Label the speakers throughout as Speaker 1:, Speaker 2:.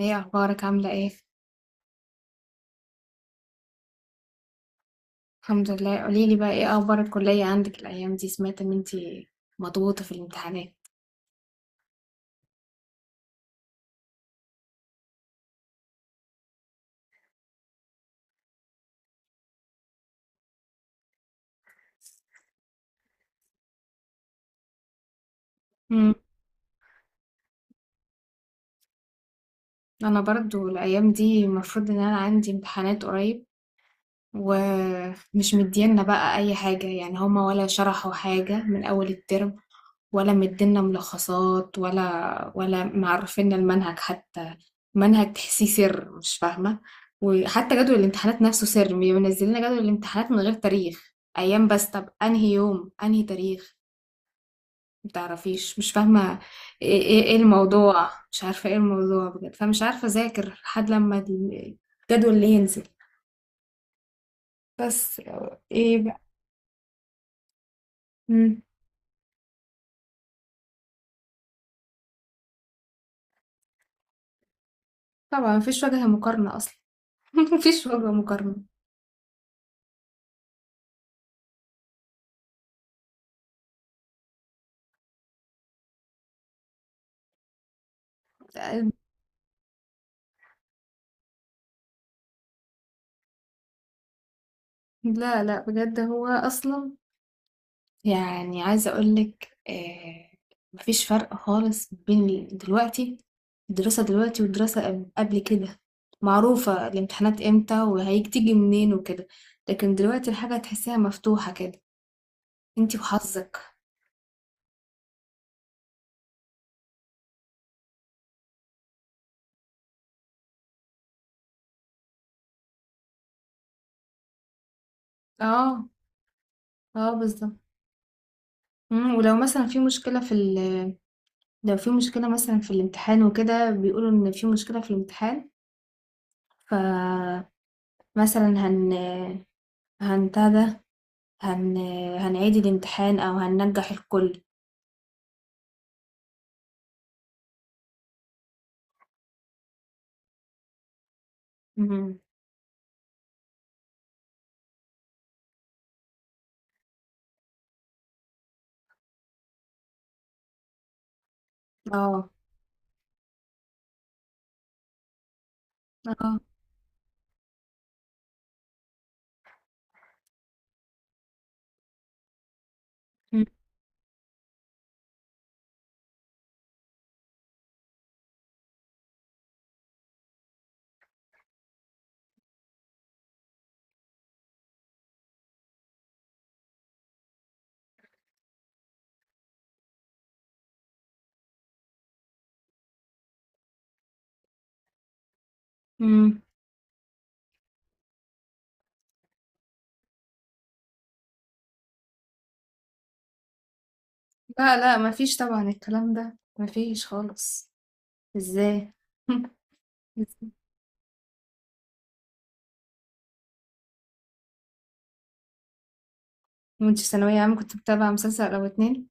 Speaker 1: ايه اخبارك؟ عامله ايه؟ الحمد لله. قوليلي بقى ايه اخبار الكليه عندك الايام دي؟ سمعت ان انتي مضغوطه في الامتحانات. امم انا برضو الايام دي المفروض ان انا عندي امتحانات قريب، ومش مدينا بقى اي حاجه، يعني هما ولا شرحوا حاجه من اول الترم، ولا مدينا ملخصات ولا معرفينا المنهج حتى. منهج تحسيه سر، مش فاهمة. وحتى جدول الامتحانات نفسه سر، بينزل لنا جدول الامتحانات من غير تاريخ، أيام بس. طب أنهي يوم أنهي تاريخ؟ متعرفيش، مش فاهمة ايه ايه إيه الموضوع. مش عارفة ايه الموضوع بجد، فمش عارفة أذاكر لحد لما الجدول اللي ينزل بس. ايه بقى؟ مم. طبعا مفيش وجه مقارنة أصلا. مفيش وجه مقارنة. لا بجد هو اصلا، يعني عايزه اقول لك آه، مفيش فرق خالص بين دلوقتي، الدراسه دلوقتي والدراسه قبل كده. معروفه الامتحانات امتى وهتيجي منين وكده، لكن دلوقتي الحاجه تحسيها مفتوحه كده، انتي وحظك. اه، اه بالظبط. مم، ولو مثلا في مشكله في لو في مشكله مثلا في الامتحان وكده، بيقولوا ان في مشكله في الامتحان، فمثلا هن هنتهدى، هن هنعيد الامتحان أو هننجح الكل. مهم. اه. اه. مم. مم. لا، مفيش طبعا، الكلام ده مفيش خالص. ازاي؟ كنت في ثانوية عامة كنت بتابع مسلسل أو اتنين؟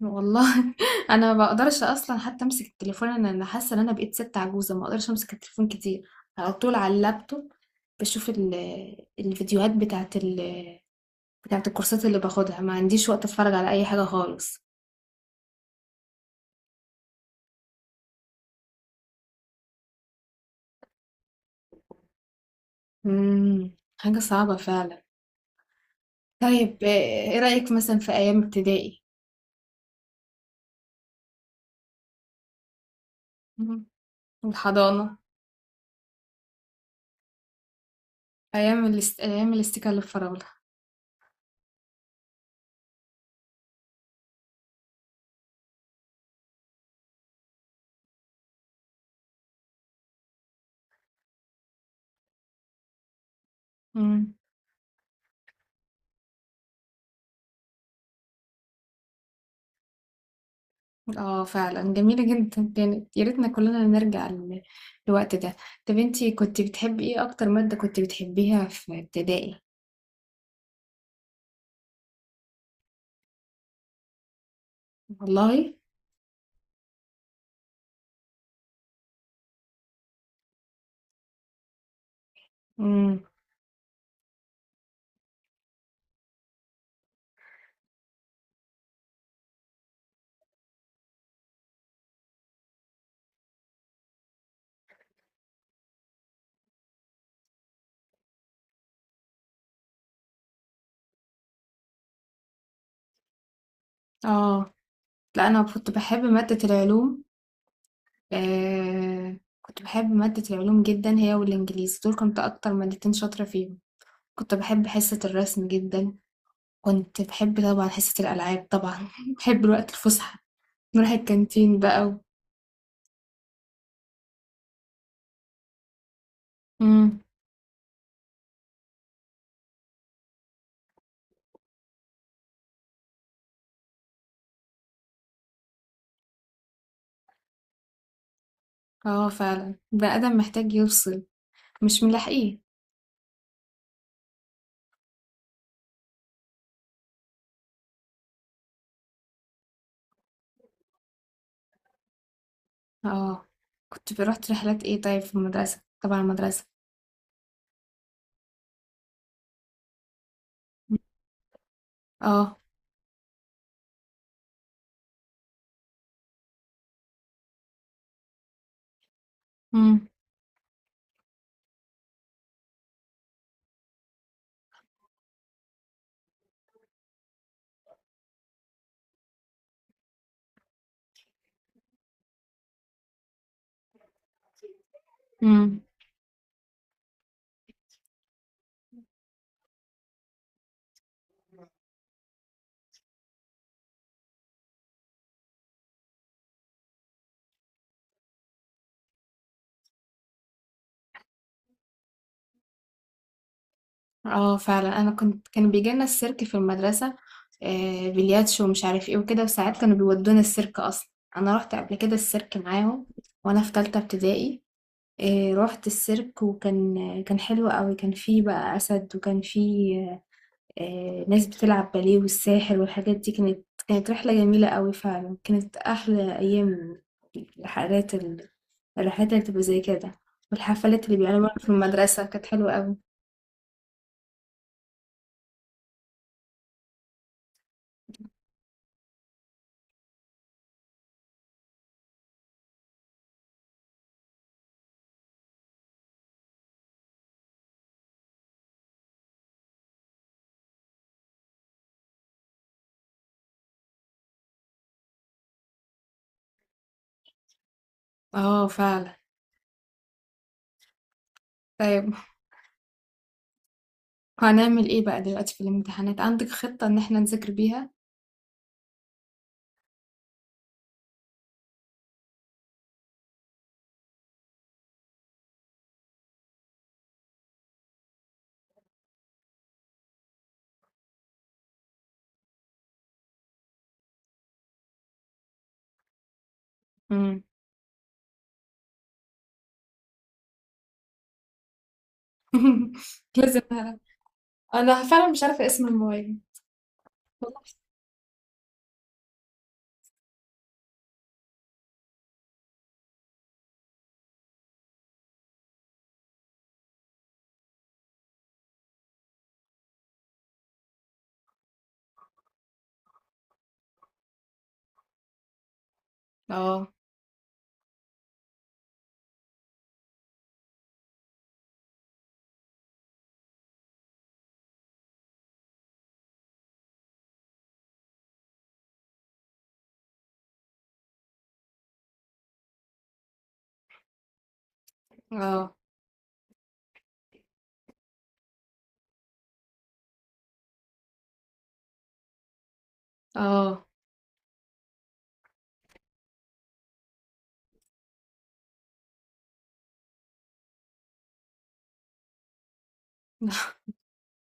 Speaker 1: والله أنا ما بقدرش أصلا حتى أمسك التليفون. أنا حاسة إن أنا بقيت ست عجوزة، ما بقدرش أمسك التليفون كتير، على طول على اللابتوب بشوف الفيديوهات بتاعت الكورسات اللي باخدها. ما عنديش وقت أتفرج على أي حاجة خالص. امم حاجة صعبة فعلا. طيب آه، ايه رأيك مثلا في أيام ابتدائي؟ مم. الحضانة. أيام الاستيكة الفراولة. مم. اه فعلا جميلة جدا كانت، يا ريتنا كلنا نرجع للوقت ده. طب انتي كنت بتحبي ايه؟ أكتر مادة كنت بتحبيها في ابتدائي؟ والله. مم. اه. لا أنا كنت بحب مادة العلوم. آه. كنت بحب مادة العلوم جدا، هي والإنجليزي دول كنت أكتر مادتين شاطرة فيهم. كنت باحب حصة الرسم جدًا، كنت باحب طبعًا حصة الألعاب طبعًا، باحب الوقت الفُسحة، نروح الكانتين بقى و إمم، آه فعلًا، البني آدم محتاج يفصل، مش ملاحقيه. آه، كنت ب رُحت رحلات إيه طيب في المدرسة، تبع المدرسة؟ إمم. آه. إمم. إمم. آه فعلًا، أنا كنت كان بييجي لنا السيرك في المدرسة، بلياتشو ومش عارف إيه وكده، وساعات كانوا بيودونا السيرك أصلًا. أنا رُحت قبل كده السيرك معاهم وأنا في تالتة ابتدائي. إيه، رحت السيرك وكان كان حلو قوي، كان فيه بقى أسد، وكان فيه آه، ناس بتلعب باليه والساحر والحاجات دي. كانت رحلة جميلة قوي فعلا، كانت أحلى أيام الرحلات الرحلات اللي بتبقى زي كده، والحفلات اللي بيعملوها في المدرسة كانت حلوة قوي. اه فعلا. طيب هنعمل ايه بقى دلوقتي في الامتحانات؟ عندك خطة ان احنا نذاكر بيها؟ مم. لازم أعرف. انا فعلا مش عارفة اسم الموبايل. اه. اه. اه.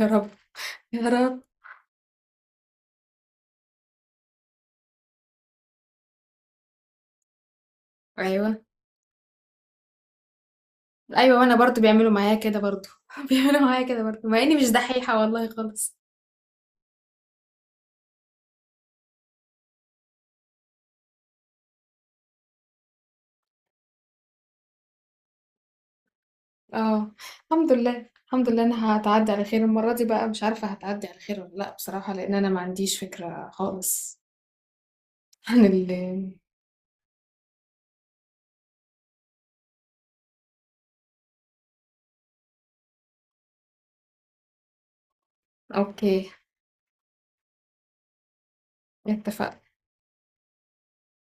Speaker 1: يا رب. يا رب. ايوه. ايوه، وانا برضو بيعملوا معايا كده برضو، بيعملوا معايا كده برضو مع اني مش دحيحه والله خالص. اه. الحمد لله، الحمد لله. انا هتعدي على خير المره دي بقى؟ مش عارفه هتعدي على خير ولا لا بصراحه، لان انا ما عنديش فكره خالص عن ال، اوكي اتفقنا.